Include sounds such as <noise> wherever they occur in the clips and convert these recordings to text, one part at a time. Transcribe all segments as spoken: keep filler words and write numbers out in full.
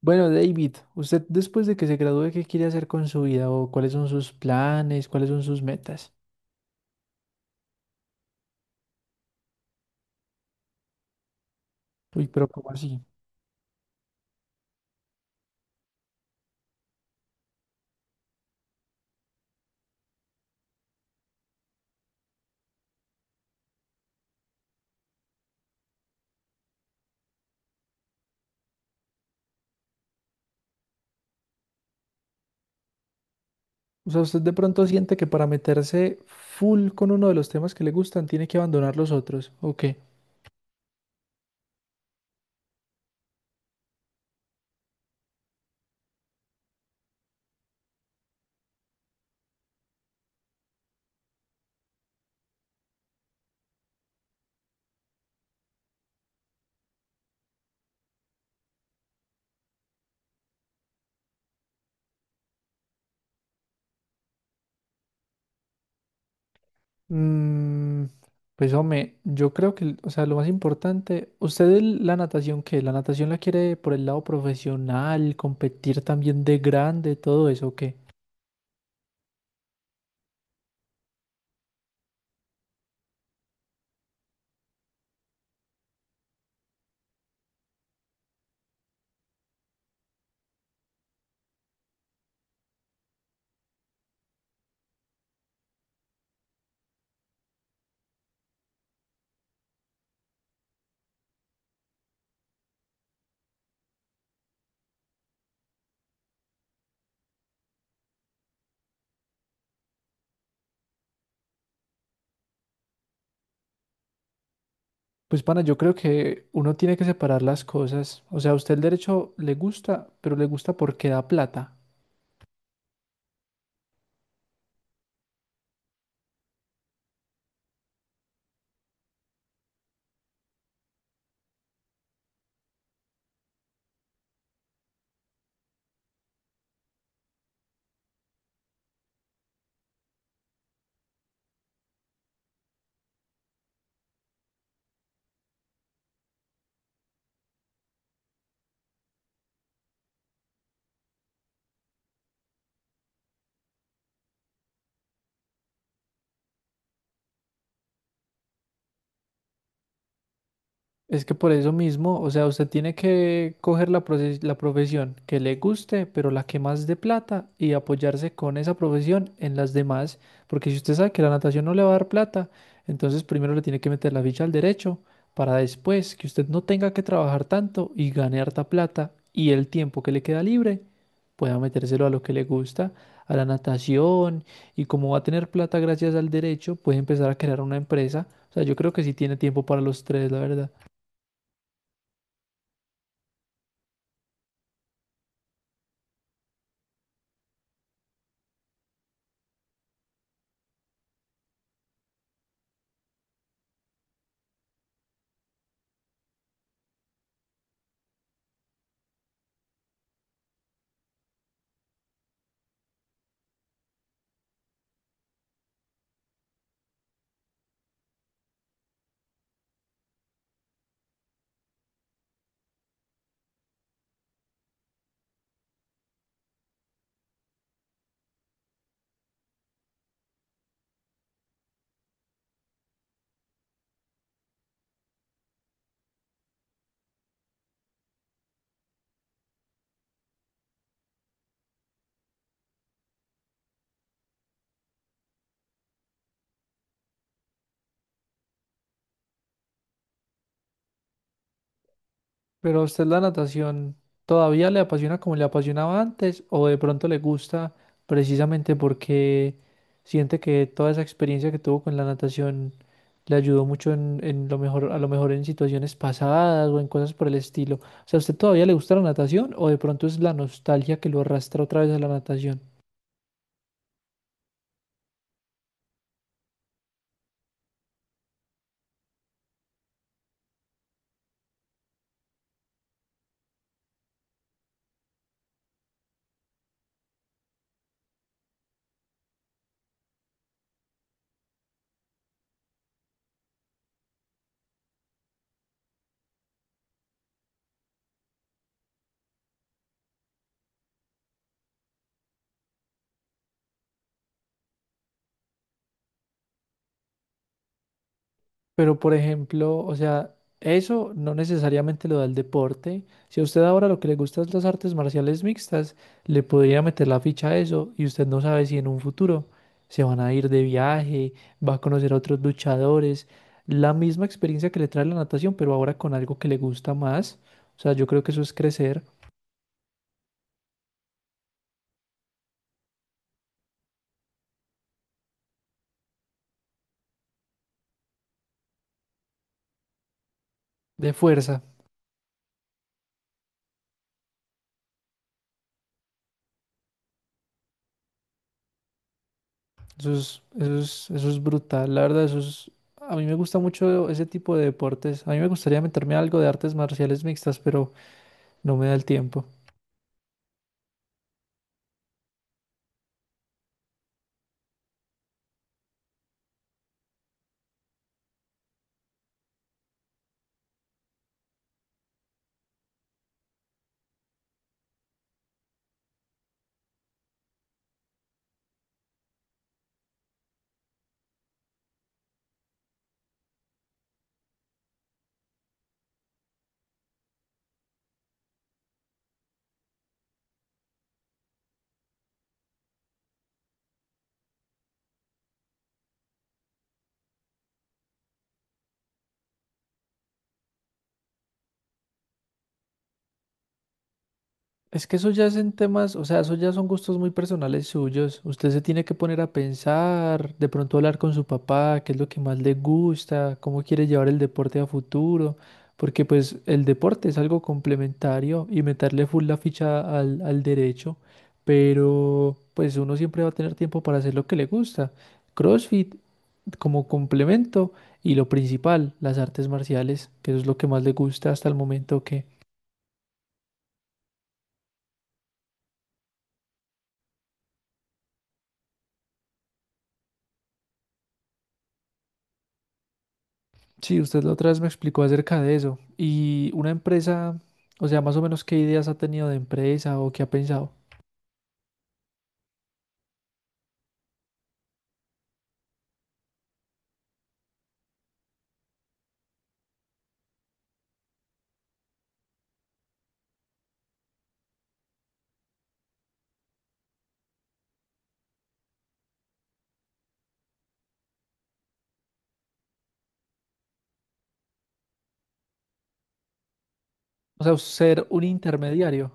Bueno, David, ¿usted después de que se gradúe, qué quiere hacer con su vida o cuáles son sus planes, cuáles son sus metas? Uy, pero ¿cómo así? O sea, usted de pronto siente que para meterse full con uno de los temas que le gustan, tiene que abandonar los otros, ¿o qué? Mm, pues hombre, yo creo que, o sea, lo más importante, ¿usted el- la natación qué? ¿La natación la quiere por el lado profesional, competir también de grande, todo eso, o qué? Pues, pana, yo creo que uno tiene que separar las cosas. O sea, a usted el derecho le gusta, pero le gusta porque da plata. Es que por eso mismo, o sea, usted tiene que coger la, proces- la profesión que le guste, pero la que más dé plata y apoyarse con esa profesión en las demás, porque si usted sabe que la natación no le va a dar plata, entonces primero le tiene que meter la ficha al derecho para después que usted no tenga que trabajar tanto y gane harta plata y el tiempo que le queda libre pueda metérselo a lo que le gusta, a la natación y como va a tener plata gracias al derecho, puede empezar a crear una empresa. O sea, yo creo que sí tiene tiempo para los tres, la verdad. Pero a usted la natación todavía le apasiona como le apasionaba antes o de pronto le gusta precisamente porque siente que toda esa experiencia que tuvo con la natación le ayudó mucho en, en lo mejor, a lo mejor en situaciones pasadas o en cosas por el estilo. O sea, ¿a usted todavía le gusta la natación o de pronto es la nostalgia que lo arrastra otra vez a la natación? Pero, por ejemplo, o sea, eso no necesariamente lo da el deporte. Si a usted ahora lo que le gusta es las artes marciales mixtas, le podría meter la ficha a eso y usted no sabe si en un futuro se van a ir de viaje, va a conocer a otros luchadores. La misma experiencia que le trae la natación, pero ahora con algo que le gusta más. O sea, yo creo que eso es crecer de fuerza. Eso es, eso es, eso es brutal. La verdad, eso es... A mí me gusta mucho ese tipo de deportes. A mí me gustaría meterme a algo de artes marciales mixtas, pero... No me da el tiempo. Es que eso ya es en temas, o sea, eso ya son gustos muy personales suyos. Usted se tiene que poner a pensar, de pronto hablar con su papá, qué es lo que más le gusta, cómo quiere llevar el deporte a futuro, porque pues el deporte es algo complementario y meterle full la ficha al, al derecho, pero pues uno siempre va a tener tiempo para hacer lo que le gusta. CrossFit como complemento y lo principal, las artes marciales, que eso es lo que más le gusta hasta el momento. Sí, usted la otra vez me explicó acerca de eso. Y una empresa, o sea, más o menos qué ideas ha tenido de empresa o qué ha pensado. O sea, ser un intermediario,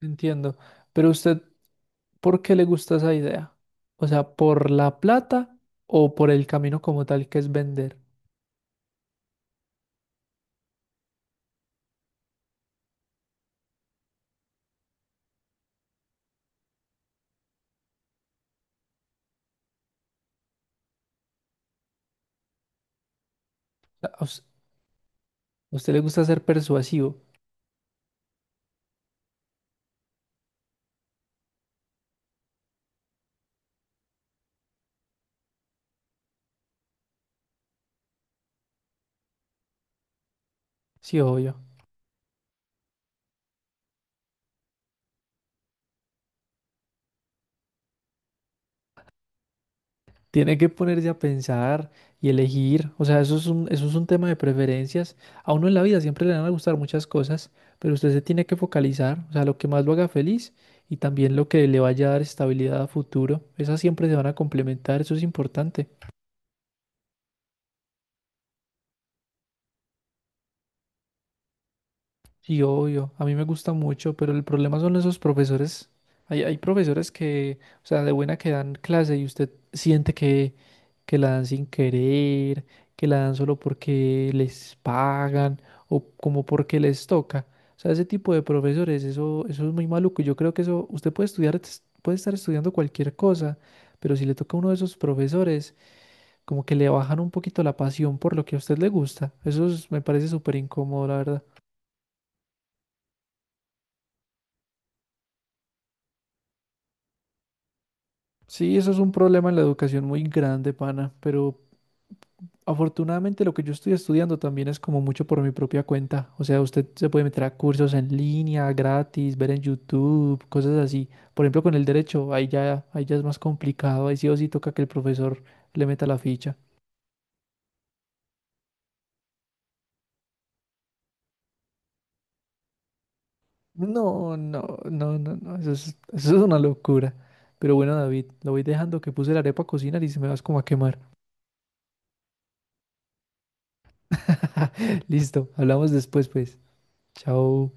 entiendo. Pero usted, ¿por qué le gusta esa idea? O sea, ¿por la plata o por el camino como tal que es vender? O sea, ¿A us- a usted le gusta ser persuasivo? Sí, obvio. Tiene que ponerse a pensar y elegir, o sea, eso es un, eso es un tema de preferencias. A uno en la vida siempre le van a gustar muchas cosas, pero usted se tiene que focalizar, o sea, lo que más lo haga feliz y también lo que le vaya a dar estabilidad a futuro. Esas siempre se van a complementar, eso es importante. Sí, obvio, a mí me gusta mucho, pero el problema son esos profesores. Hay, hay profesores que, o sea, de buena que dan clase y usted siente que, que la dan sin querer, que la dan solo porque les pagan o como porque les toca. O sea, ese tipo de profesores, eso, eso es muy maluco. Yo creo que eso, usted puede estudiar, es- puede estar estudiando cualquier cosa, pero si le toca a uno de esos profesores, como que le bajan un poquito la pasión por lo que a usted le gusta. Eso es- me parece súper incómodo, la verdad. Sí, eso es un problema en la educación muy grande, pana, pero afortunadamente lo que yo estoy estudiando también es como mucho por mi propia cuenta. O sea, usted se puede meter a cursos en línea, gratis, ver en YouTube, cosas así. Por ejemplo, con el derecho, ahí ya, ahí ya es más complicado, ahí sí o sí toca que el profesor le meta la ficha. No, no, no, no, no, eso es, <laughs> eso es una locura. Pero bueno, David, lo voy dejando que puse la arepa a cocinar y se me vas como a quemar. <laughs> Listo, hablamos después, pues. Chao.